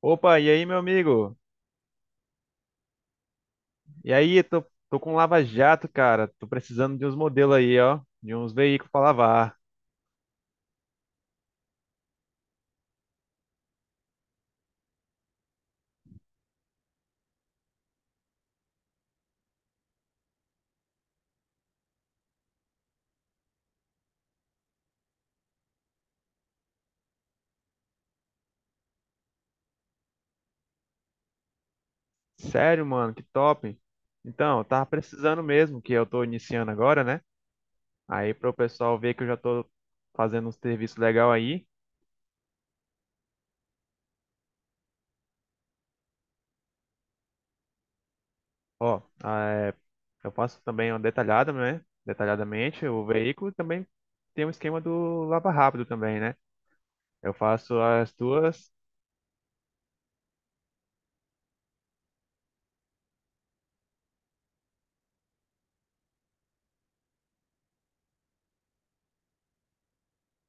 Opa, e aí, meu amigo? E aí, tô com Lava Jato, cara. Tô precisando de uns modelos aí, ó. De uns veículos pra lavar. Sério, mano, que top. Então, eu tava precisando mesmo, que eu tô iniciando agora, né? Aí, pro pessoal ver que eu já tô fazendo um serviço legal aí. Ó, é, eu faço também uma detalhada, né? Detalhadamente o veículo. E também tem um esquema do lava rápido também, né? Eu faço as duas.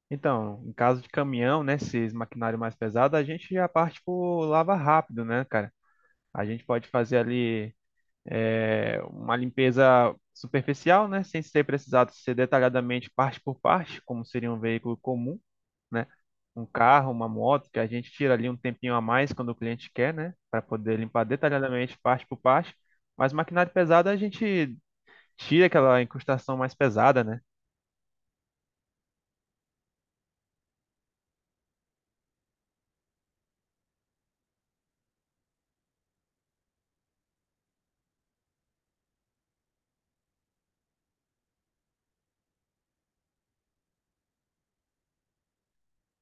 Então, em caso de caminhão, né, esses maquinário mais pesado, a gente já parte por lava rápido, né, cara? A gente pode fazer ali uma limpeza superficial, né, sem ser precisado ser detalhadamente parte por parte, como seria um veículo comum, né? Um carro, uma moto, que a gente tira ali um tempinho a mais quando o cliente quer, né, para poder limpar detalhadamente parte por parte. Mas maquinário pesado a gente tira aquela incrustação mais pesada, né?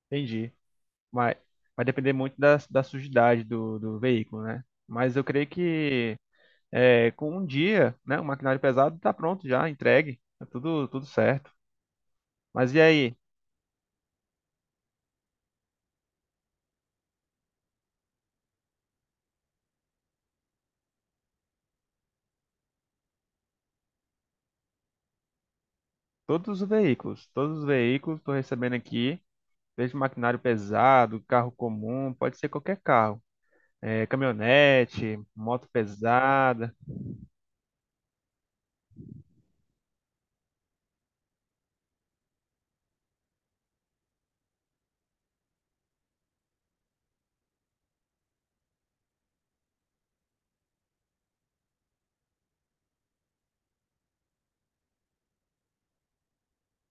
Entendi. Vai, vai depender muito da sujidade do veículo, né? Mas eu creio que é, com um dia, né, o maquinário pesado está pronto já, entregue, tá tudo, tudo certo. Mas e aí? Todos os veículos estou recebendo aqui, desde maquinário pesado, carro comum, pode ser qualquer carro, é, caminhonete, moto pesada.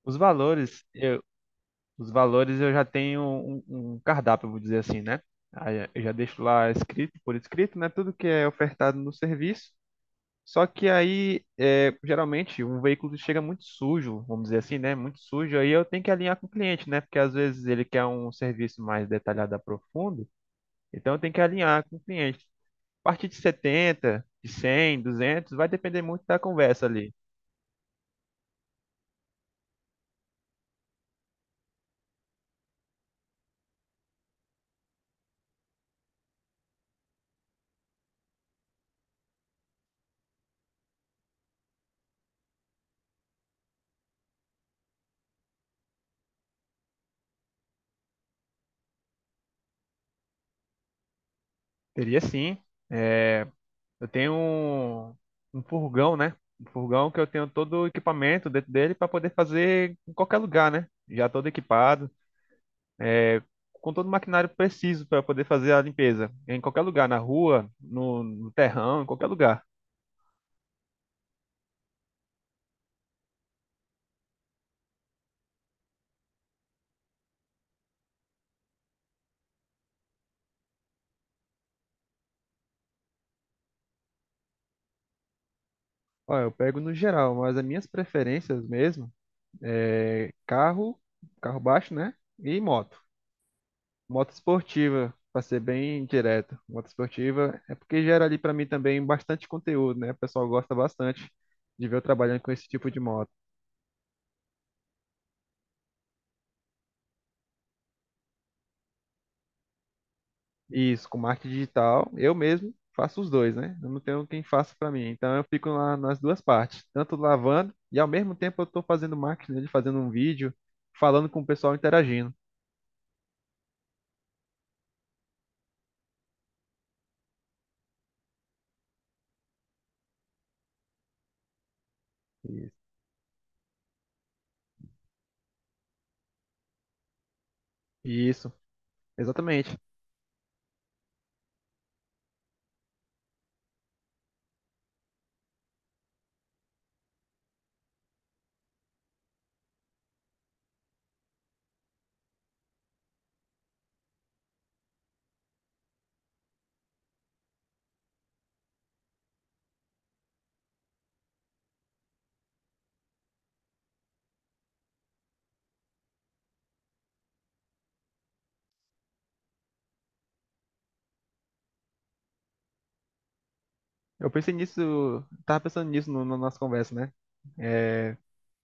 Os valores. Os valores eu já tenho um cardápio, vou dizer assim, né? Aí eu já deixo lá escrito, por escrito, né? Tudo que é ofertado no serviço. Só que aí, é, geralmente, um veículo chega muito sujo, vamos dizer assim, né? Muito sujo. Aí eu tenho que alinhar com o cliente, né? Porque às vezes ele quer um serviço mais detalhado, profundo. Então eu tenho que alinhar com o cliente. A partir de 70, de 100, 200, vai depender muito da conversa ali. Teria sim. é, Eu tenho um, um furgão, né? Um furgão que eu tenho todo o equipamento dentro dele para poder fazer em qualquer lugar, né? Já todo equipado, com todo o maquinário preciso para poder fazer a limpeza. Em qualquer lugar, na rua, no terrão, em qualquer lugar. Ó, eu pego no geral, mas as minhas preferências mesmo é carro, carro baixo, né? E moto. Moto esportiva, para ser bem direto. Moto esportiva é porque gera ali para mim também bastante conteúdo, né? O pessoal gosta bastante de ver eu trabalhando com esse tipo de moto. Isso, com marketing digital, eu mesmo faço os dois, né? Eu não tenho quem faça para mim. Então eu fico lá nas duas partes, tanto lavando e ao mesmo tempo eu estou fazendo marketing, né? Fazendo um vídeo, falando com o pessoal interagindo. Isso, Isso, exatamente. Eu pensei nisso, tava pensando nisso na nossa conversa, né?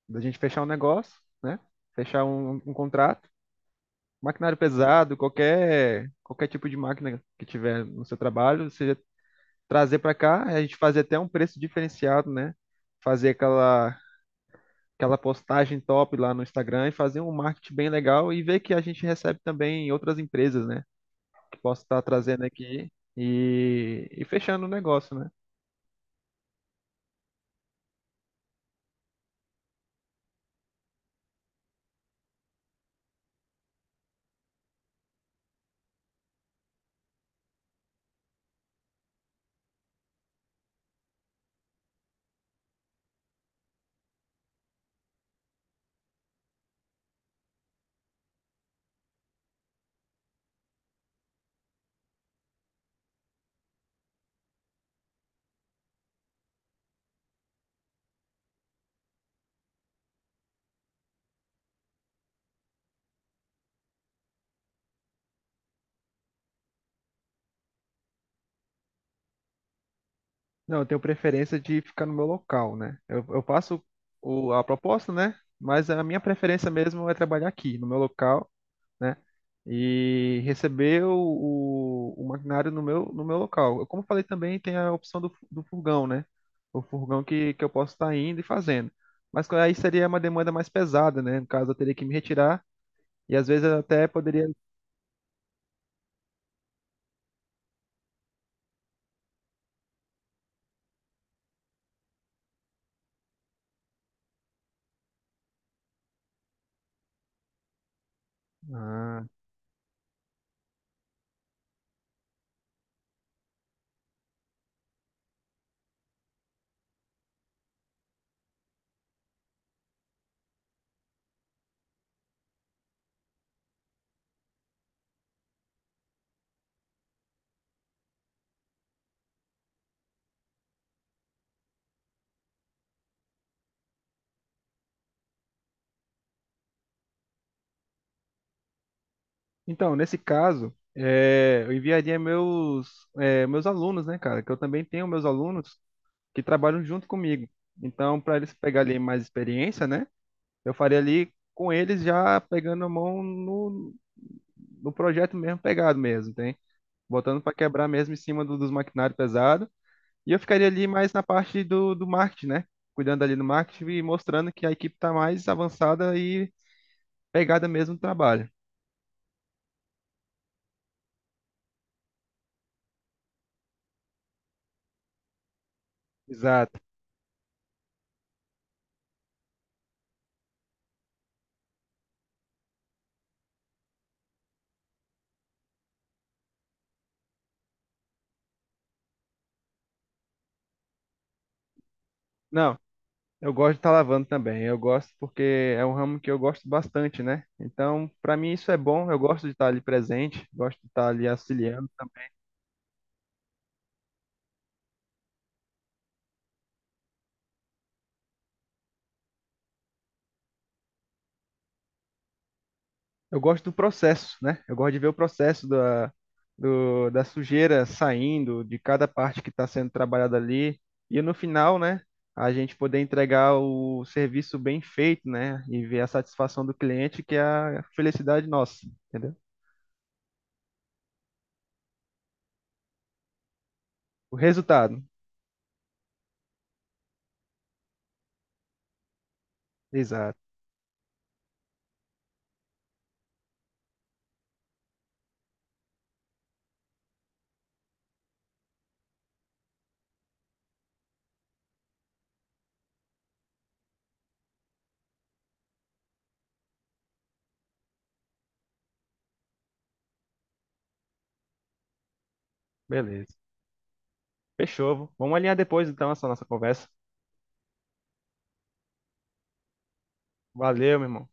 Da gente fechar um negócio, né? Fechar um contrato. Maquinário pesado, qualquer, qualquer tipo de máquina que tiver no seu trabalho, você trazer para cá, a gente fazer até um preço diferenciado, né? Fazer aquela, aquela postagem top lá no Instagram e fazer um marketing bem legal e ver que a gente recebe também em outras empresas, né? Que posso estar trazendo aqui e fechando o negócio, né? Não, eu tenho preferência de ficar no meu local, né? Eu faço o, a proposta, né? Mas a minha preferência mesmo é trabalhar aqui, no meu local, né? E receber o maquinário no meu, no meu local. Eu, como falei também, tem a opção do, do furgão, né? O furgão que eu posso estar indo e fazendo. Mas aí seria uma demanda mais pesada, né? No caso, eu teria que me retirar e às vezes eu até poderia. Ah. Então, nesse caso, é, eu enviaria meus, é, meus alunos, né, cara? Que eu também tenho meus alunos que trabalham junto comigo. Então, para eles pegarem mais experiência, né? Eu faria ali com eles já pegando a mão no, no projeto mesmo, pegado mesmo, tem? Botando para quebrar mesmo em cima dos maquinários pesados. E eu ficaria ali mais na parte do, do marketing, né? Cuidando ali do marketing e mostrando que a equipe está mais avançada e pegada mesmo no trabalho. Exato. Não, eu gosto de estar lavando também. Eu gosto porque é um ramo que eu gosto bastante, né? Então, para mim isso é bom. Eu gosto de estar ali presente, gosto de estar ali auxiliando. Eu gosto do processo, né? Eu gosto de ver o processo da, da sujeira saindo, de cada parte que está sendo trabalhada ali. E no final, né? A gente poder entregar o serviço bem feito, né? E ver a satisfação do cliente, que é a felicidade nossa, entendeu? O resultado. Exato. Beleza. Fechou. Vamos alinhar depois, então, essa nossa conversa. Valeu, meu irmão.